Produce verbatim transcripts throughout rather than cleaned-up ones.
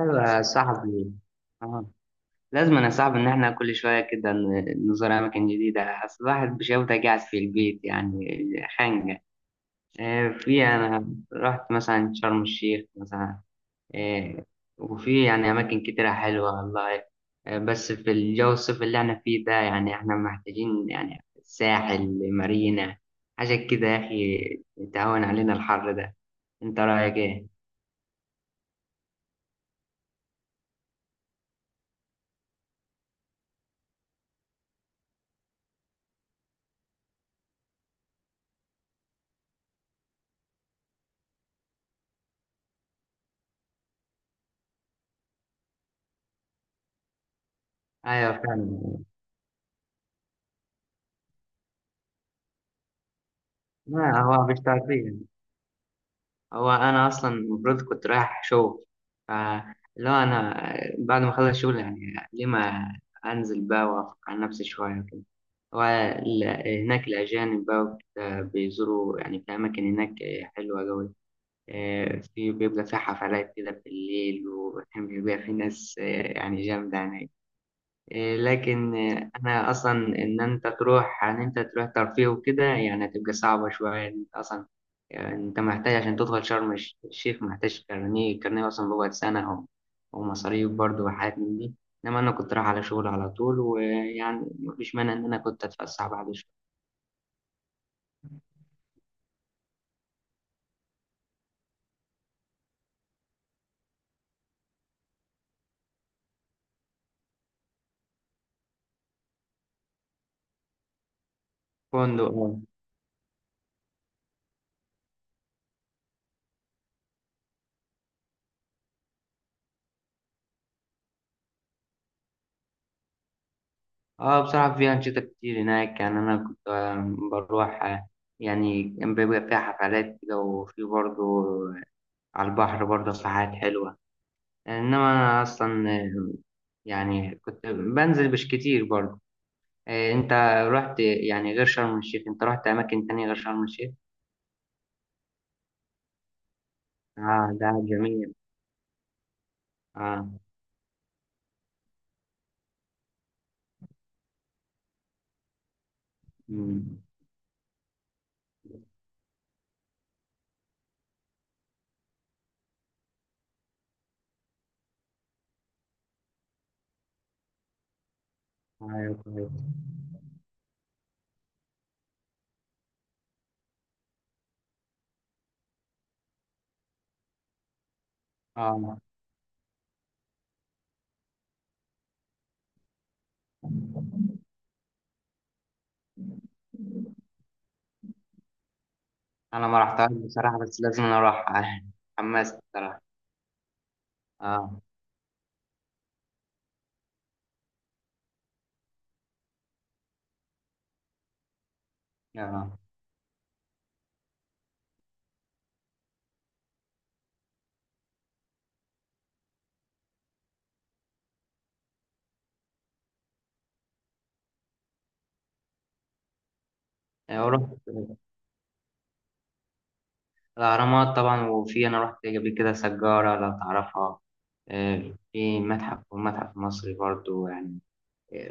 ايوه يا صاحبي، اه، لازم يا صاحبي ان احنا كل شويه كده ن- نزور اماكن جديده. اصل الواحد بشوفته قاعد في البيت، يعني خانقه. آه، في انا رحت مثلا شرم الشيخ. مثلا آه، وفي يعني اماكن كتيره حلوه والله. آه، بس في الجو الصيف اللي احنا فيه ده يعني احنا محتاجين يعني ساحل مارينا، حاجه كده يا اخي تهون علينا الحر ده. انت رايك ايه؟ ايوه فعلا. ما هو مش تعطيه. هو انا اصلا المفروض كنت رايح شغل، فاللي هو انا بعد ما اخلص شغل يعني ليه ما انزل بقى وافك عن نفسي شويه كده. هو ال- هناك الاجانب بقى وكده بيزوروا يعني في اماكن هناك حلوه قوي. في بيبقى في حفلات كده بالليل، وبيبقى في ناس يعني جامده هناك. إيه، لكن إيه، انا اصلا ان انت تروح ان انت تروح ترفيه وكده يعني هتبقى صعبه شويه انت اصلا. يعني انت محتاج عشان تدخل شرم الش- الشيخ، محتاج كارنيه. الكارنيه اصلا بيقعد سنه، و- ومصاريف برضه وحاجات من دي. انما انا كنت رايح على شغل على طول، ويعني مفيش مانع ان انا كنت اتفسح بعد شويه. فندق، اه. آه، بصراحه في انشطه كتير هناك. يعني انا كنت آه، بروح آه، يعني كان بيبقى فيها حفلات كده، وفي برضه على البحر برضه ساعات حلوه. آه، انما انا اصلا آه، يعني كنت بنزل مش كتير برضه. آه، انت رحت يعني غير شرم الشيخ؟ انت رحت اماكن تانية غير شرم الشيخ؟ اه، ده جميل. اه. مم. ايوه، كويس. اه. انا ما رحتهاش بصراحة، بس لازم أنا اروح. حمست بصراحة. اه. اه. آه، ورحت الاهرامات طبعا. وفي انا رحت قبل كده سجارة لو تعرفها. آه، في متحف والمتحف المصري برضه يعني.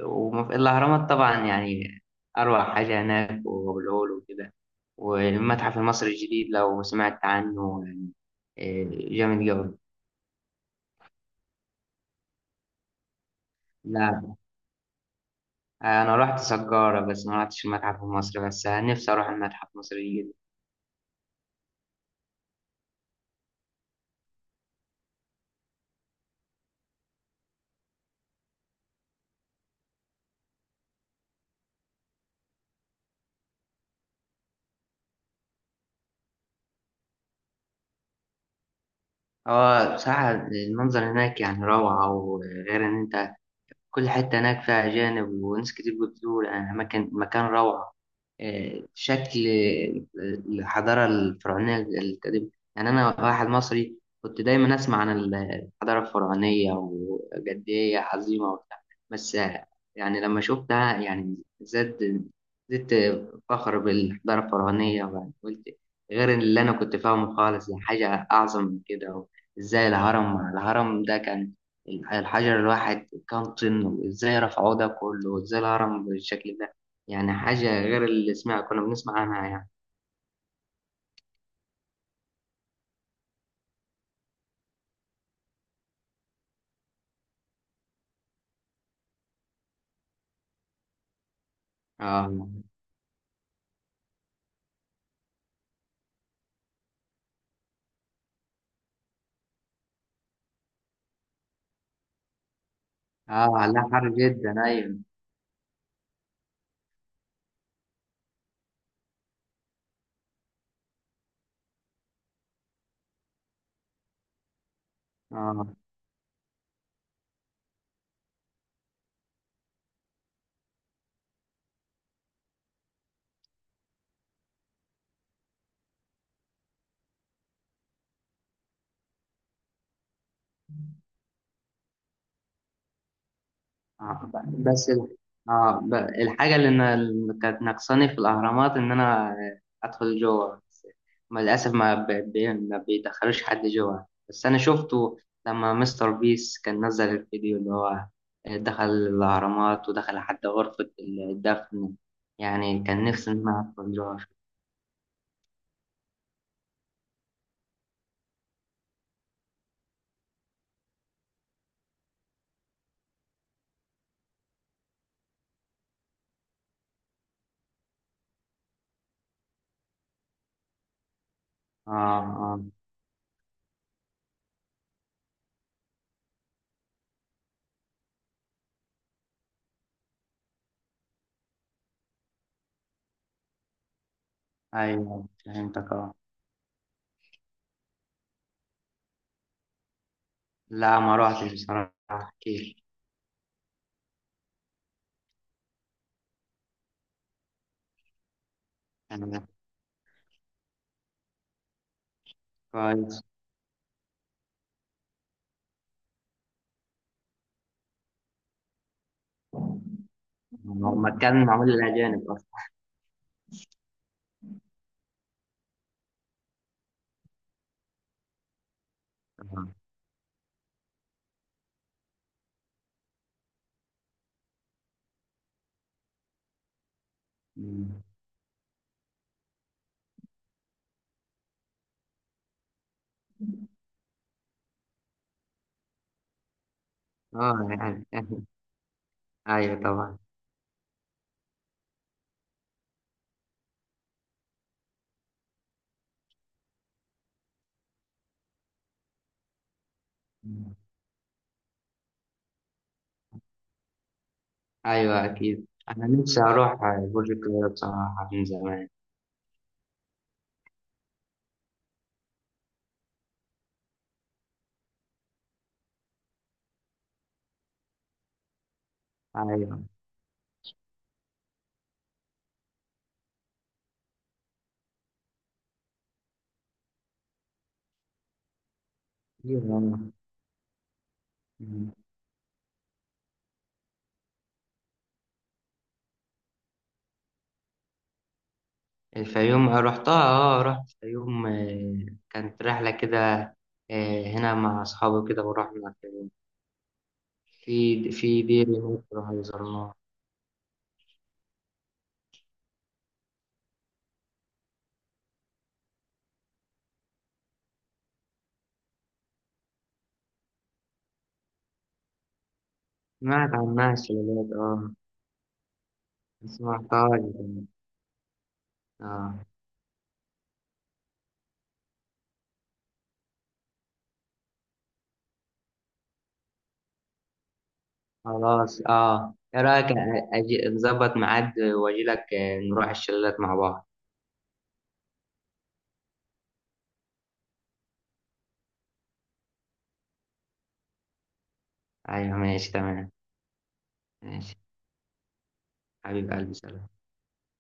وفي الأهرامات طبعا، يعني أروع حاجة هناك، وأبو الهول وكده والمتحف المصري الجديد لو سمعت عنه يعني. إيه، جامد جوي. لا، أنا رحت سجارة بس، ما رحتش المتحف المصري، بس نفسي أروح المتحف المصري الجديد. هو بصراحة المنظر هناك يعني روعة. وغير إن أنت كل حتة هناك فيها أجانب وناس كتير بتزور، يعني مكان مكان روعة. آه، شكل آه، الحضارة الفرعونية القديمة. يعني أنا واحد مصري كنت دايما أسمع عن الحضارة الفرعونية وقد إيه هي عظيمة وبتاع، بس آه، يعني لما شفتها يعني زاد زدت فخر بالحضارة الفرعونية، ويعني قلت غير اللي أنا كنت فاهمه خالص، يعني حاجة أعظم من كده. إزاي الهرم الهرم ده كان الحجر الواحد كام طن؟ وازاي رفعوه ده كله؟ وازاي الهرم بالشكل ده؟ يعني حاجة غير اللي سمع كنا بنسمع عنها يعني. اه، اه. لا، حر جدا، ايوه. اه. آه، ب- بس ال- آه ب- الحاجة اللي أنا اللي كانت ناقصاني في الأهرامات إن أنا آه، أدخل جوه بس. ما للأسف ما, ب... ب... ما بيدخلوش حد جوه بس. أنا شفته لما مستر بيس كان نزل الفيديو اللي هو دخل الأهرامات ودخل حتى غرفة الدفن. يعني كان نفسي إن أنا أدخل جوه. آه، آه. أيوه، فهمتك. آه. لا، ما روحتش بصراحة كتير. أنا كويس. هو مكان معمول للأجانب أصلا. آه. اه يعني. ايوه طبعا. ايوه اكيد، انا نفسي اروح برج القاهره بصراحه من زمان. ايوه، ايوه. مم. الفيوم رحتها. اه، رحت الفيوم. آه، كانت رحله كده آه، هنا مع اصحابي كده، ورحنا الفيوم. في في دير هناك رحنا زرناها. سمعت عنها الشلالات، اه. ما سمعتهاش. اه، خلاص. اه، ايه رايك أ- اجي نظبط ميعاد واجي لك آه، نروح الشلالات مع بعض. ايوه، ماشي، تمام. ماشي. حبيب قلبي، سلام.